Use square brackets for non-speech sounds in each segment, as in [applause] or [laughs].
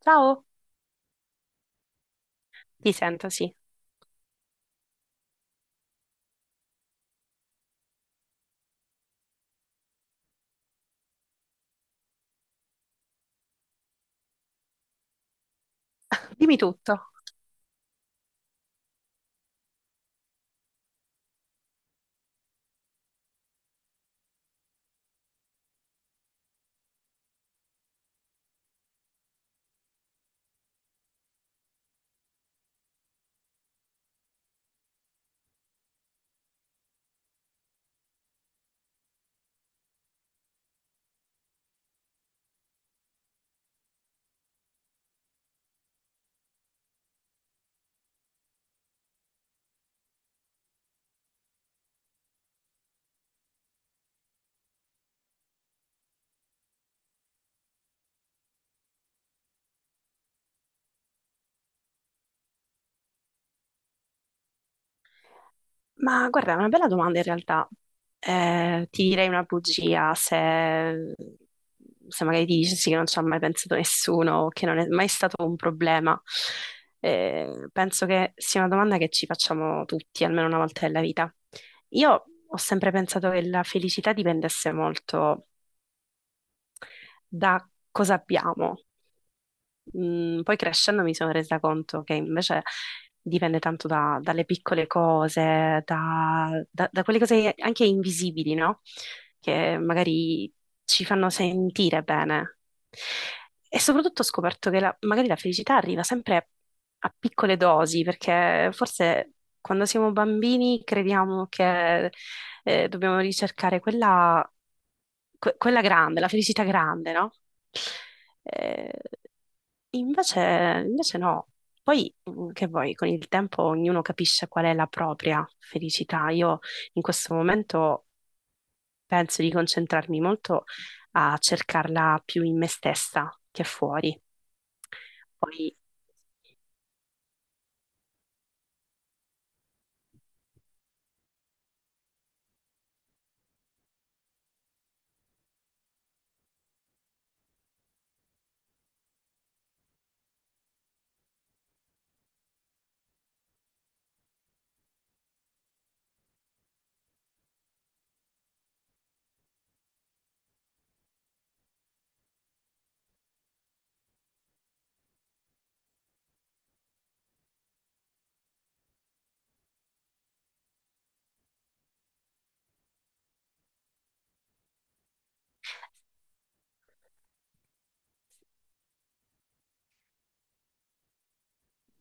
Ciao, ti sento, sì. Dimmi tutto. Ma guarda, è una bella domanda in realtà. Ti direi una bugia se magari dici che non ci ha mai pensato nessuno o che non è mai stato un problema. Penso che sia una domanda che ci facciamo tutti, almeno una volta nella vita. Io ho sempre pensato che la felicità dipendesse molto da cosa abbiamo. Poi crescendo mi sono resa conto che invece dipende tanto dalle piccole cose, da quelle cose anche invisibili, no? Che magari ci fanno sentire bene. E soprattutto ho scoperto che magari la felicità arriva sempre a piccole dosi, perché forse quando siamo bambini crediamo che dobbiamo ricercare quella grande, la felicità grande, no? Eh, invece, Invece no. Poi, che vuoi, con il tempo ognuno capisce qual è la propria felicità. Io in questo momento penso di concentrarmi molto a cercarla più in me stessa che fuori. Poi,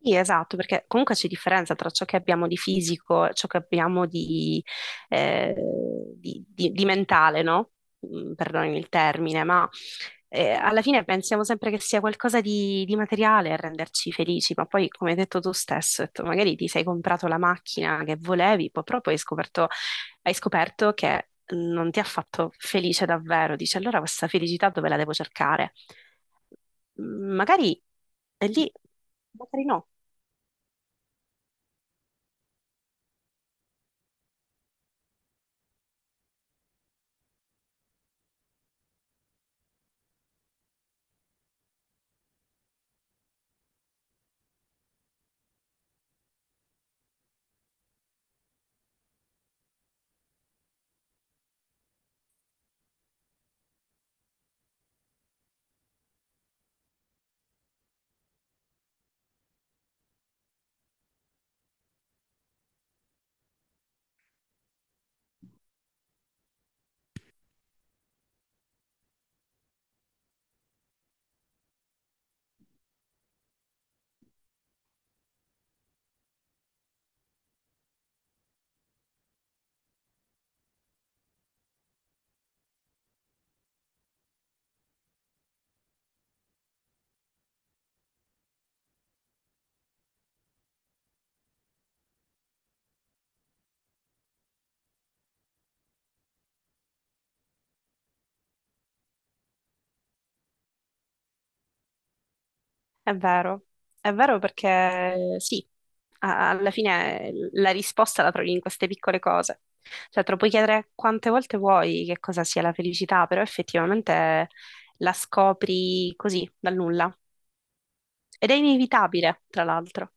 sì, esatto, perché comunque c'è differenza tra ciò che abbiamo di fisico e ciò che abbiamo di, eh, di mentale, no? Perdonami il termine, ma alla fine pensiamo sempre che sia qualcosa di materiale a renderci felici, ma poi, come hai detto tu stesso, hai detto, magari ti sei comprato la macchina che volevi, poi proprio hai hai scoperto che non ti ha fatto felice davvero. Dici, allora questa felicità dove la devo cercare? Magari è lì, magari no. È vero, è vero perché sì, alla fine la risposta la trovi in queste piccole cose. Cioè, te lo puoi chiedere quante volte vuoi che cosa sia la felicità, però effettivamente la scopri così, dal nulla. Ed è inevitabile, tra l'altro.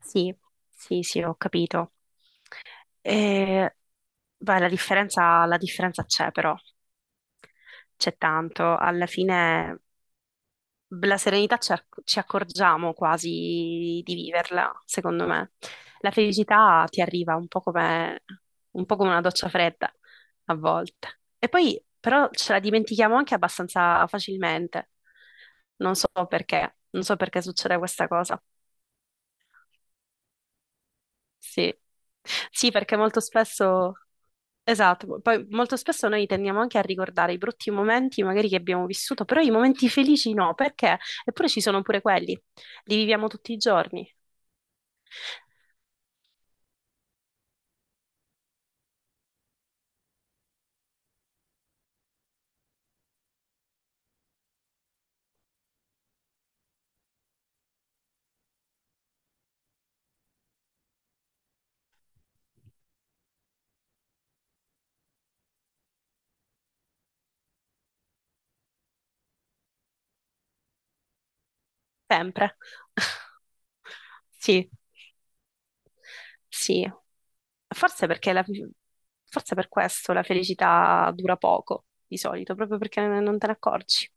Sì, sì, sì, ho capito. E, beh, la differenza c'è però, c'è tanto. Alla fine la serenità ci accorgiamo quasi di viverla, secondo me. La felicità ti arriva un po' come una doccia fredda a volte. E poi però ce la dimentichiamo anche abbastanza facilmente. Non so perché, non so perché succede questa cosa. Sì. Sì, perché molto spesso, esatto, poi molto spesso noi tendiamo anche a ricordare i brutti momenti magari che abbiamo vissuto, però i momenti felici no, perché? Eppure ci sono pure quelli, li viviamo tutti i giorni, sempre. [laughs] Sì, sì, forse perché forse per questo la felicità dura poco di solito, proprio perché non te ne accorgi.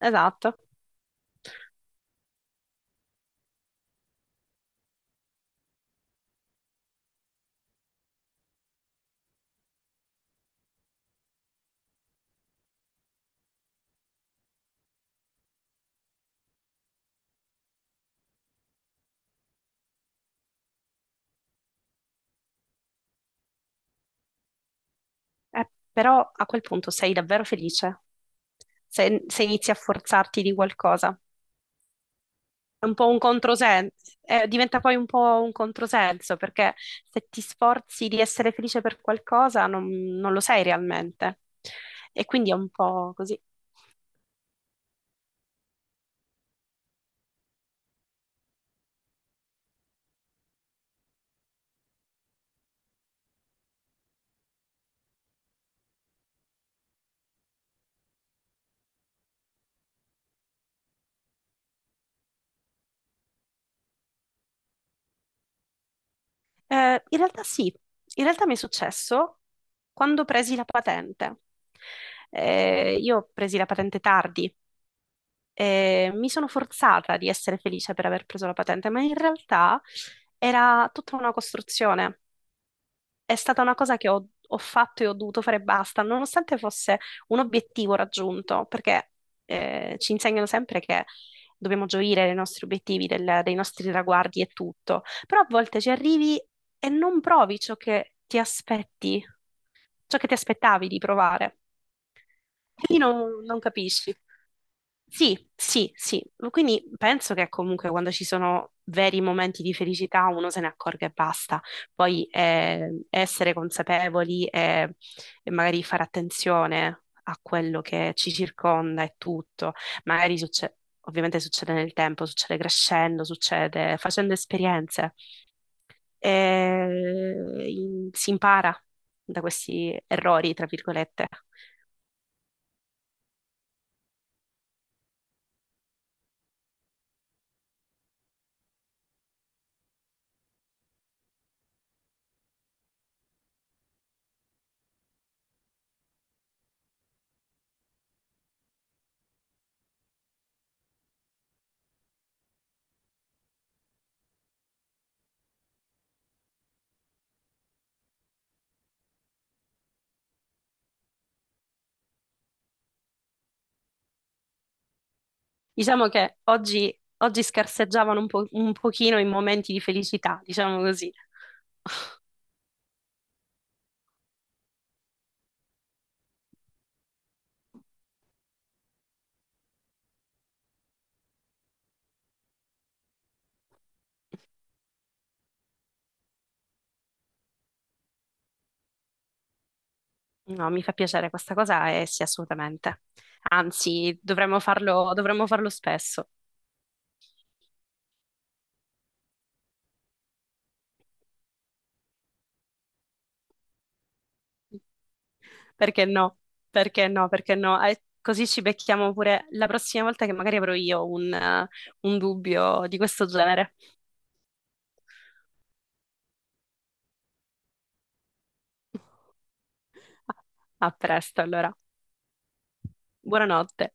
Esatto. Però a quel punto sei davvero felice se inizi a forzarti di qualcosa. È un po' un controsenso, diventa poi un po' un controsenso perché se ti sforzi di essere felice per qualcosa non lo sei realmente. E quindi è un po' così. In realtà sì, in realtà mi è successo quando presi la patente. Io presi la patente tardi e mi sono forzata di essere felice per aver preso la patente, ma in realtà era tutta una costruzione. È stata una cosa che ho fatto e ho dovuto fare e basta, nonostante fosse un obiettivo raggiunto, perché ci insegnano sempre che dobbiamo gioire dei nostri dei nostri traguardi e tutto, però a volte ci arrivi e non provi ciò che ti aspetti, ciò che ti aspettavi di provare, quindi non capisci. Sì, sì, sì. Quindi penso che comunque quando ci sono veri momenti di felicità uno se ne accorga e basta. Poi essere consapevoli e magari fare attenzione a quello che ci circonda e tutto. Magari succede, ovviamente succede nel tempo, succede crescendo, succede facendo esperienze. E, si impara da questi errori, tra virgolette. Diciamo che oggi, oggi scarseggiavano un po' un pochino i momenti di felicità, diciamo così. No, mi fa piacere questa cosa e sì, assolutamente. Anzi, dovremmo farlo spesso. Perché no? Perché no? Perché no? Così ci becchiamo pure la prossima volta che magari avrò io un dubbio di questo genere. [laughs] A presto, allora. Buonanotte.